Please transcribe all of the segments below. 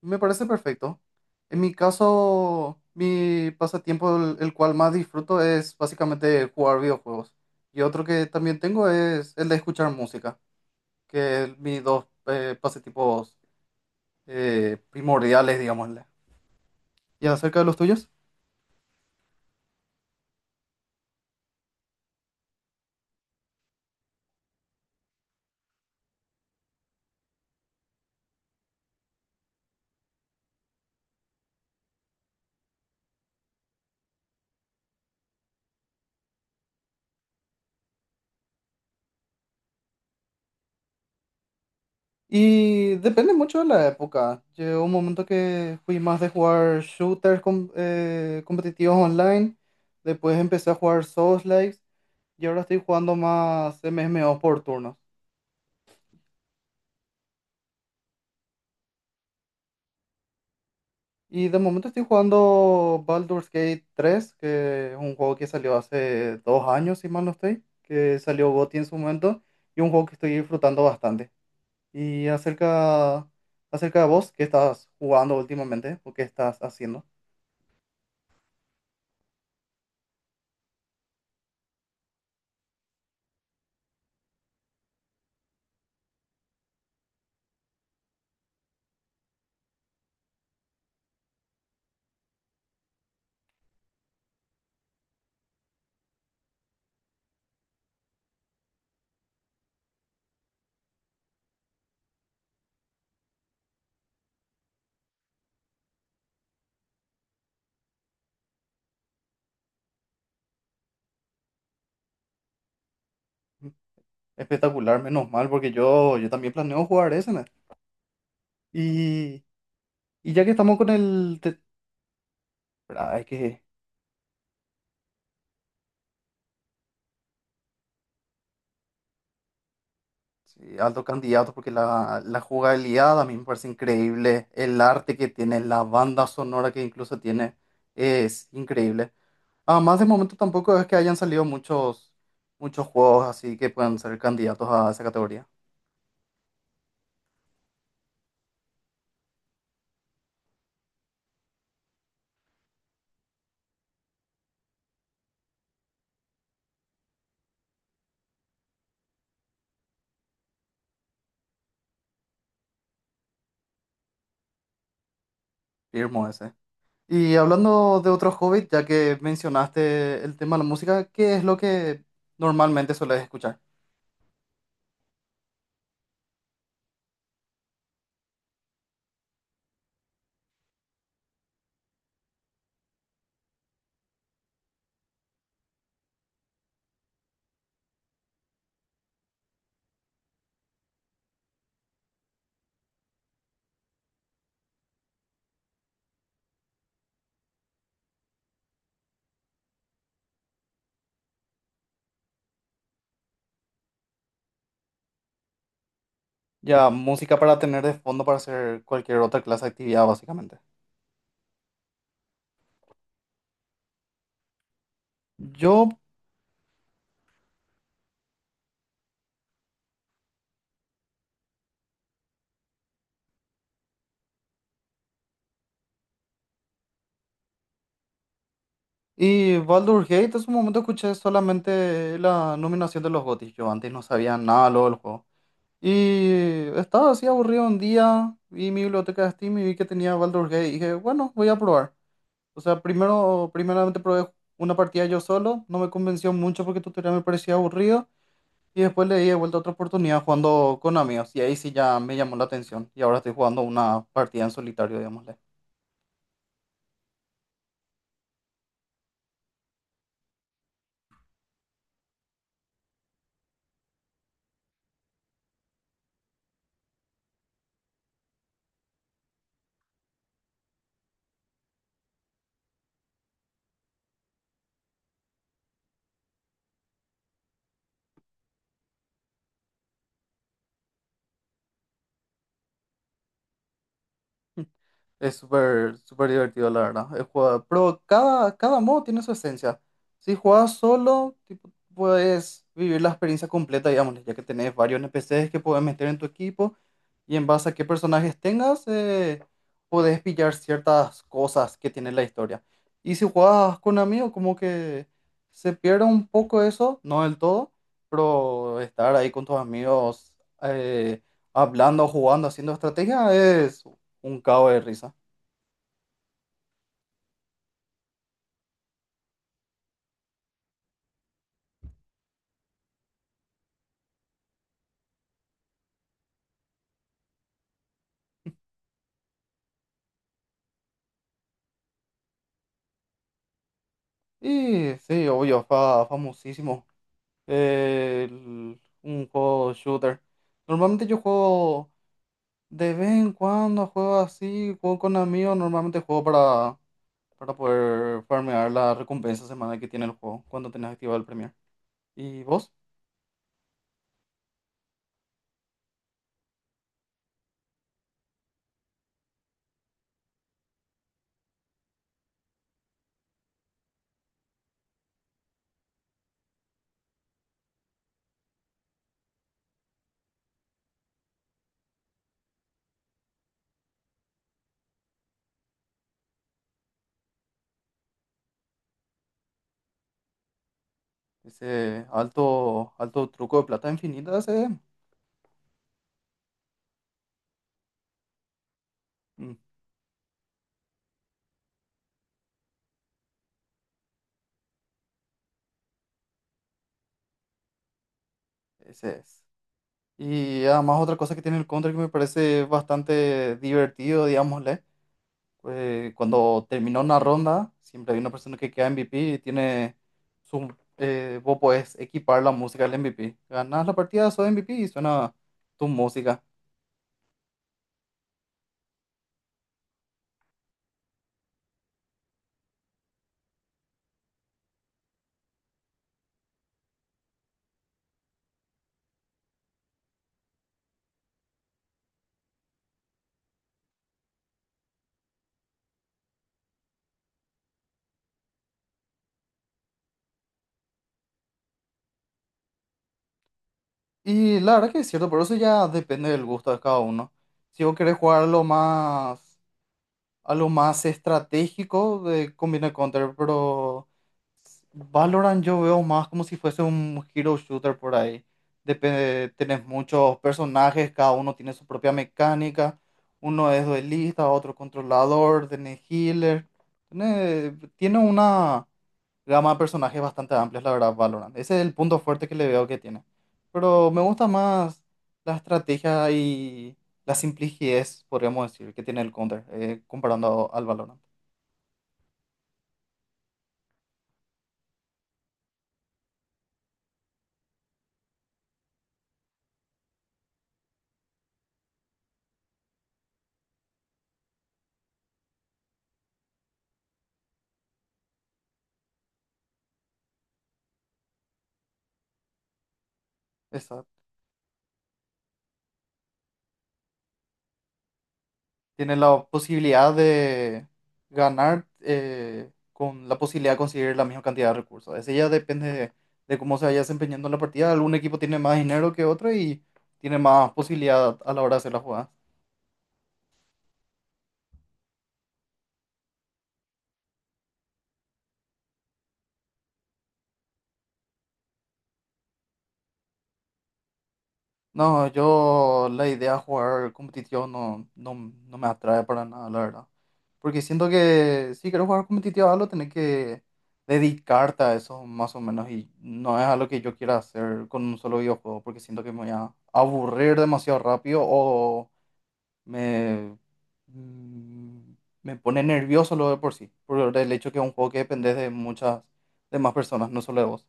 Me parece perfecto. En mi caso, mi pasatiempo, el cual más disfruto, es básicamente jugar videojuegos. Y otro que también tengo es el de escuchar música, que es mis dos pasatiempos primordiales, digámosle. ¿Y acerca de los tuyos? Y depende mucho de la época. Llegó un momento que fui más de jugar shooters competitivos online. Después empecé a jugar Souls-likes. Y ahora estoy jugando más MMO por turnos. Y de momento estoy jugando Baldur's Gate 3, que es un juego que salió hace 2 años, si mal no estoy, que salió GOTY en su momento, y un juego que estoy disfrutando bastante. Y acerca de vos, ¿qué estás jugando últimamente? ¿O qué estás haciendo? Mm, Espectacular, menos mal, porque yo también planeo jugar ese, ¿no? Y, y ya que estamos con el, espera, es que sí, alto candidato porque la jugabilidad a mí me parece increíble, el arte que tiene, la banda sonora que incluso tiene, es increíble. Además, de momento tampoco es que hayan salido muchos, juegos así que puedan ser candidatos a esa categoría. Firmo ese. Y hablando de otros hobbies, ya que mencionaste el tema de la música, ¿qué es lo que normalmente sueles escuchar? Ya, música para tener de fondo para hacer cualquier otra clase de actividad, básicamente. Yo Y Baldur's Gate, en su momento escuché solamente la nominación de los GOTY. Yo antes no sabía nada lo del juego. Y estaba así aburrido un día, vi mi biblioteca de Steam y vi que tenía Baldur's Gate. Y dije, bueno, voy a probar. O sea, primeramente probé una partida yo solo, no me convenció mucho porque el tutorial me parecía aburrido. Y después le di de vuelta otra oportunidad jugando con amigos. Y ahí sí ya me llamó la atención. Y ahora estoy jugando una partida en solitario, digámosle. Es súper súper divertido, la verdad. Pero cada modo tiene su esencia. Si jugás solo, tipo, puedes vivir la experiencia completa, digamos, ya que tenés varios NPCs que puedes meter en tu equipo y en base a qué personajes tengas, podés pillar ciertas cosas que tiene la historia. Y si jugás con amigos, como que se pierde un poco eso, no del todo, pero estar ahí con tus amigos, eh, hablando, jugando, haciendo estrategia es un cabo de risa. Y sí, obvio, famosísimo. Un juego shooter. Normalmente yo juego de vez en cuando, juego así, juego con amigos. Normalmente juego para poder farmear la recompensa semanal que tiene el juego cuando tenés activado el Premier. ¿Y vos? Ese alto, alto truco de plata infinita, ese, mm, ese es. Y además otra cosa que tiene el Counter que me parece bastante divertido, digamos, cuando terminó una ronda, siempre hay una persona que queda MVP y tiene vos podés equipar la música del MVP. Ganas la partida, sos MVP y suena tu música. Y la verdad que es cierto, pero eso ya depende del gusto de cada uno. Si vos querés jugar algo más estratégico, de combina Counter, pero Valorant yo veo más como si fuese un hero shooter por ahí. Depende, tenés muchos personajes, cada uno tiene su propia mecánica. Uno es duelista, otro controlador, tenés healer. Tiene, tiene una gama de personajes bastante amplia, la verdad, Valorant. Ese es el punto fuerte que le veo que tiene. Pero me gusta más la estrategia y la simplicidad, podríamos decir, que tiene el Counter, comparando al Valorant. Esa- Tienes la posibilidad de ganar, con la posibilidad de conseguir la misma cantidad de recursos. Ese ya depende de cómo se vaya desempeñando la partida. Algún equipo tiene más dinero que otro y tiene más posibilidad a la hora de hacer la jugada. No, yo la idea de jugar competitivo no, no, no me atrae para nada, la verdad. Porque siento que si quieres jugar competitivo, algo tenés que dedicarte a eso más o menos. Y no es algo que yo quiera hacer con un solo videojuego, porque siento que me voy a aburrir demasiado rápido o me, mm, me pone nervioso lo de por sí. Por el hecho que es un juego que depende de más personas, no solo de vos.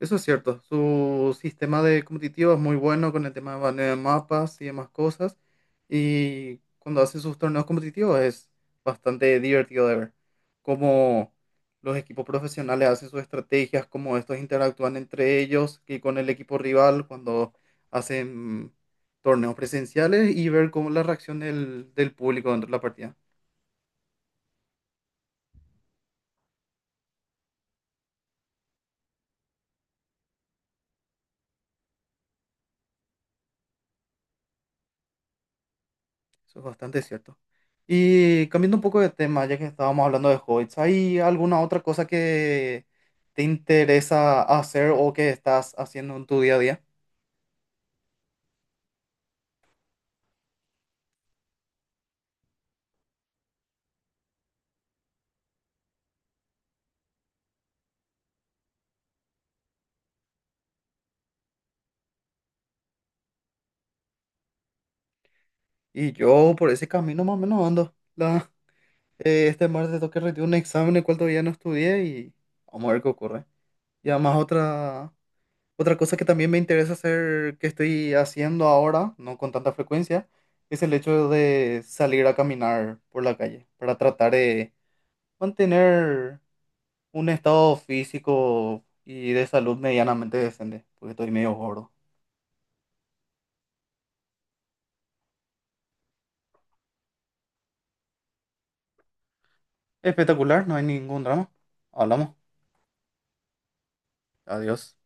Eso es cierto, su sistema de competitivo es muy bueno con el tema de baneo de mapas y demás cosas. Y cuando hacen sus torneos competitivos es bastante divertido de ver cómo los equipos profesionales hacen sus estrategias, cómo estos interactúan entre ellos y con el equipo rival cuando hacen torneos presenciales y ver cómo la reacción del público dentro de la partida. Eso es bastante cierto. Y cambiando un poco de tema, ya que estábamos hablando de hobbies, ¿hay alguna otra cosa que te interesa hacer o que estás haciendo en tu día a día? Y yo por ese camino más o menos ando. Este martes tengo que rendir un examen el cual todavía no estudié y vamos a ver qué ocurre. Y además otra cosa que también me interesa hacer, que estoy haciendo ahora, no con tanta frecuencia, es el hecho de salir a caminar por la calle para tratar de mantener un estado físico y de salud medianamente decente, porque estoy medio gordo. Espectacular, no hay ningún drama. Hablamos. Adiós.